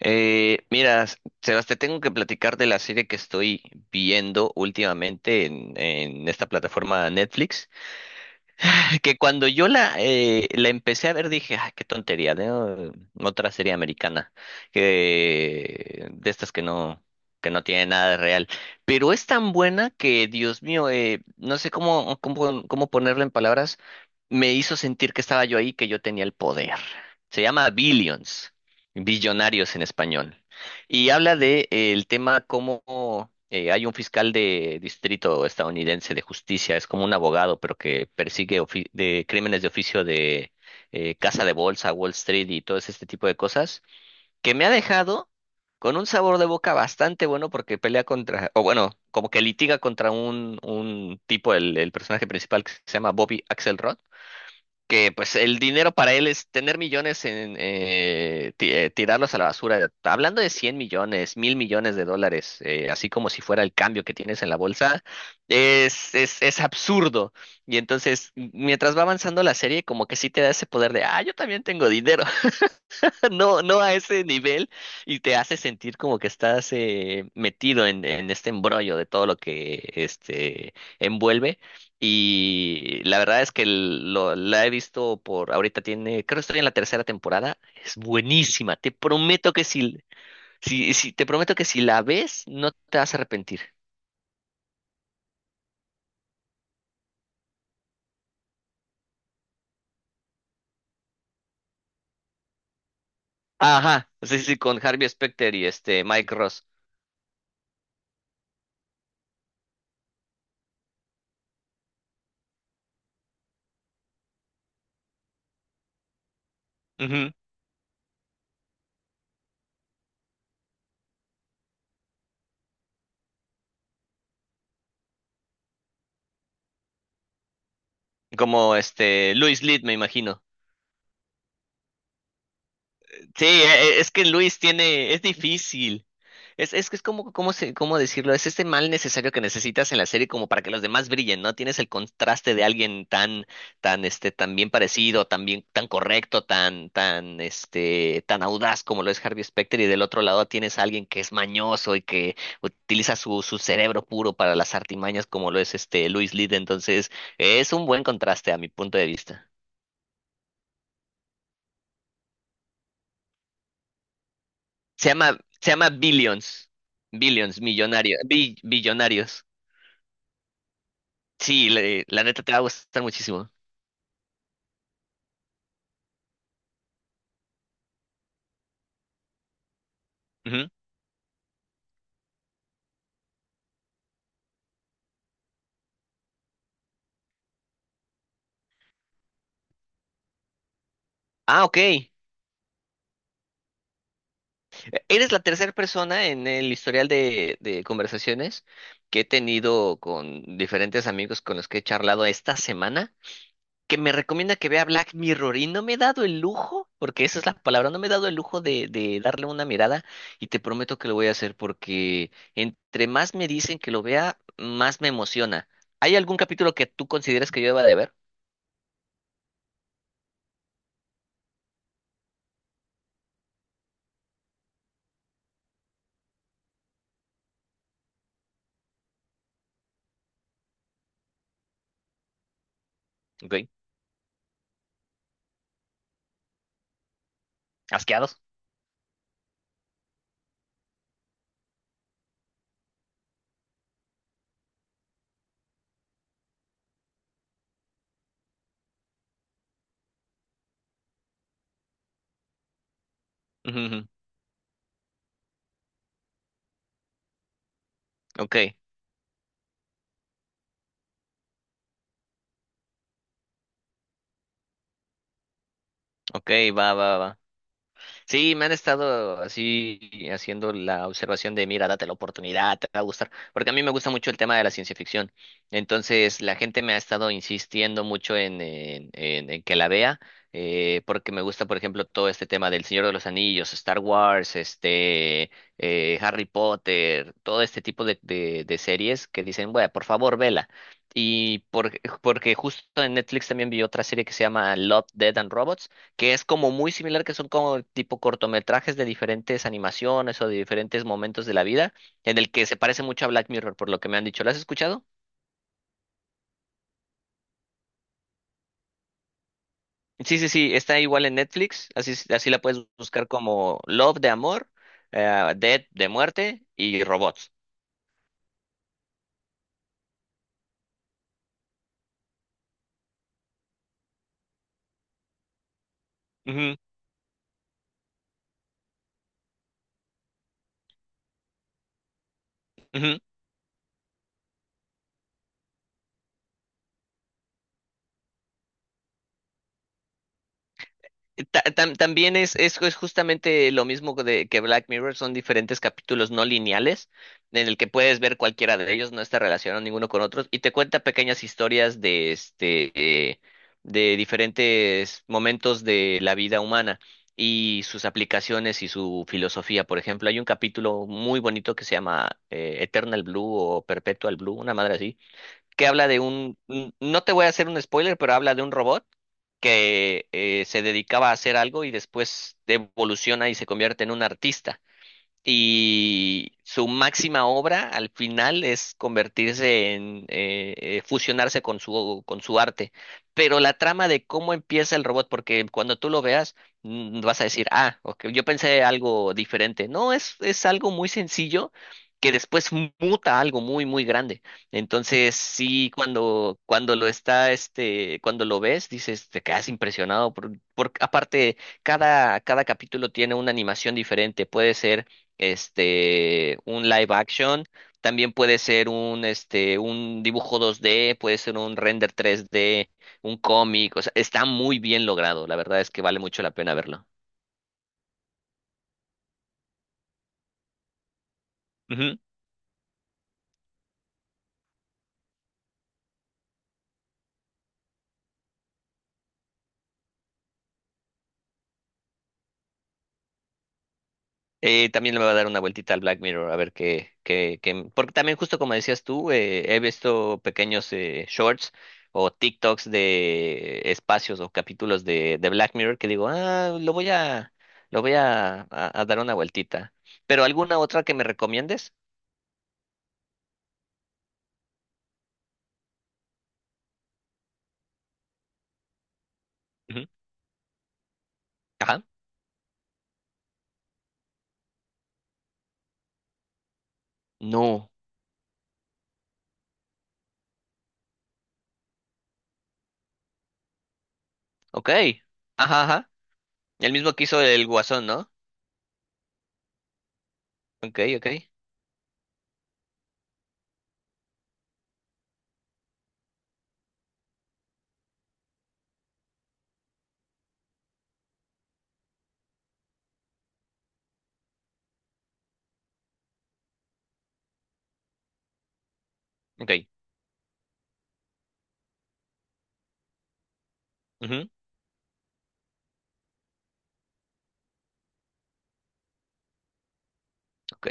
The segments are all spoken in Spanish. Eh, mira, S- Sebas, te tengo que platicar de la serie que estoy viendo últimamente en esta plataforma Netflix. Que cuando yo la empecé a ver dije, ay, qué tontería, ¿no? Otra serie americana, que, de estas que no tiene nada de real. Pero es tan buena que, Dios mío, no sé cómo ponerlo en palabras, me hizo sentir que estaba yo ahí, que yo tenía el poder. Se llama Billions, Billonarios en español. Y habla de el tema cómo hay un fiscal de distrito estadounidense de justicia, es como un abogado, pero que persigue de crímenes de oficio de casa de bolsa, Wall Street y todo este tipo de cosas, que me ha dejado con un sabor de boca bastante bueno porque pelea contra, o bueno, como que litiga contra un tipo, el personaje principal que se llama Bobby Axelrod, que pues el dinero para él es tener millones en tirarlos a la basura. Hablando de 100 millones, mil millones de dólares, así como si fuera el cambio que tienes en la bolsa. Es absurdo. Y entonces, mientras va avanzando la serie, como que sí te da ese poder de, ah, yo también tengo dinero. No, no a ese nivel, y te hace sentir como que estás metido en este embrollo de todo lo que este envuelve. Y la verdad es que la he visto por ahorita tiene, creo que estoy en la tercera temporada. Es buenísima. Te prometo que si te prometo que si la ves, no te vas a arrepentir. Ajá, sí, sí, con Harvey Specter y este Mike Ross. Ujú. Como este Louis Litt, me imagino. Sí, es que Luis tiene, es difícil. Es que es como, ¿cómo se, cómo decirlo? Es este mal necesario que necesitas en la serie como para que los demás brillen, ¿no? Tienes el contraste de alguien este, tan bien parecido, tan bien, tan correcto, este, tan audaz como lo es Harvey Specter, y del otro lado tienes a alguien que es mañoso y que utiliza su cerebro puro para las artimañas como lo es este Luis Lid. Entonces, es un buen contraste a mi punto de vista. Se llama Billions. Billions, millonario, billonarios. Sí, la neta te va a gustar muchísimo. Ujú. Ah, ok. Eres la tercera persona en el historial de conversaciones que he tenido con diferentes amigos con los que he charlado esta semana que me recomienda que vea Black Mirror, y no me he dado el lujo, porque esa es la palabra, no me he dado el lujo de darle una mirada, y te prometo que lo voy a hacer porque entre más me dicen que lo vea, más me emociona. ¿Hay algún capítulo que tú consideres que yo deba de ver? Ok, asqueados. Ujú, ujú. Ok, ok, va, va, va. Sí, me han estado así haciendo la observación de, mira, date la oportunidad, te va a gustar, porque a mí me gusta mucho el tema de la ciencia ficción. Entonces, la gente me ha estado insistiendo mucho en que la vea, porque me gusta, por ejemplo, todo este tema del Señor de los Anillos, Star Wars, este, Harry Potter, todo este tipo de series que dicen, bueno, por favor, vela. Y por- Porque justo en Netflix también vi otra serie que se llama Love, Dead and Robots, que es como muy similar, que son como tipo cortometrajes de diferentes animaciones o de diferentes momentos de la vida, en el que se parece mucho a Black Mirror, por lo que me han dicho. ¿Lo has escuchado? Sí, sí, sí, está igual en Netflix, así, así la puedes buscar como Love de amor, Dead de muerte, y robots. Ujú, ujú. También es justamente lo mismo que Black Mirror, son diferentes capítulos no lineales en el que puedes ver cualquiera de ellos, no está relacionado ninguno con otros, y te cuenta pequeñas historias de, de diferentes momentos de la vida humana y sus aplicaciones y su filosofía. Por ejemplo, hay un capítulo muy bonito que se llama Eternal Blue o Perpetual Blue, una madre así que habla de no te voy a hacer un spoiler, pero habla de un robot que se dedicaba a hacer algo y después evoluciona y se convierte en un artista, y su máxima obra al final es convertirse en fusionarse con su arte. Pero la trama de cómo empieza el robot, porque cuando tú lo veas vas a decir, ah, ok, yo pensé algo diferente. No, es algo muy sencillo que después muta a algo muy muy grande. Entonces, sí, cuando cuando lo está este cuando lo ves dices, te quedas impresionado por aparte cada capítulo tiene una animación diferente, puede ser este, un live action, también puede ser un, este, un dibujo 2D, puede ser un render 3D, un cómic, o sea, está muy bien logrado, la verdad es que vale mucho la pena verlo. Ujú. También le voy a dar una vueltita al Black Mirror, a ver qué, porque también justo como decías tú, he visto pequeños shorts o TikToks de espacios o capítulos de Black Mirror que digo, ah, lo voy a, a dar una vueltita. ¿Pero alguna otra que me recomiendes? Ujú. Ajá. No. Ok. Ajá, ajá. El mismo que hizo el Guasón, ¿no? Ok, ok. Ok. Ujú. Ok.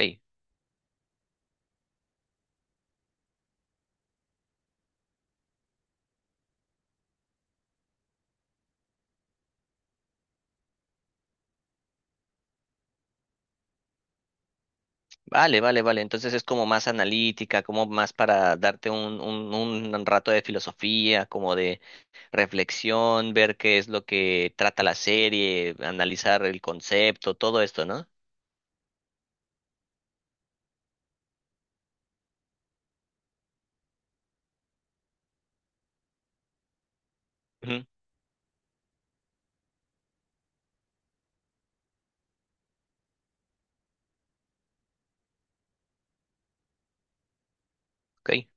Vale, vale, vale. Entonces es como más analítica, como más para darte un rato de filosofía, como de reflexión, ver qué es lo que trata la serie, analizar el concepto, todo esto, ¿no? Ujú. Ok.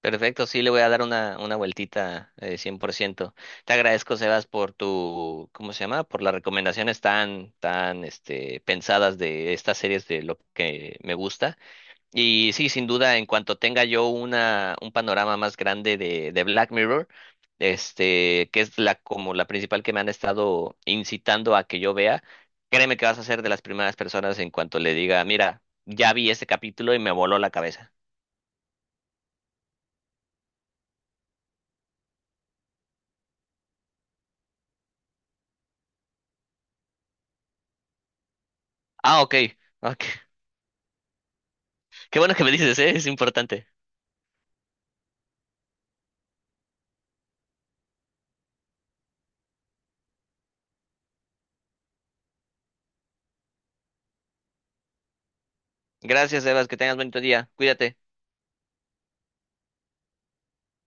Perfecto, sí, le voy a dar una vueltita, 100%. Te agradezco, Sebas, por tu, ¿cómo se llama? Por las recomendaciones este, pensadas de estas series de lo que me gusta. Y sí, sin duda, en cuanto tenga yo una, un panorama más grande de Black Mirror, este, que es la, como la principal que me han estado incitando a que yo vea, créeme que vas a ser de las primeras personas en cuanto le diga, mira, ya vi este capítulo y me voló la cabeza. Ah, ok. Ok, qué bueno que me dices, ¿eh? Es importante. Gracias, Evas, que tengas bonito día. Cuídate.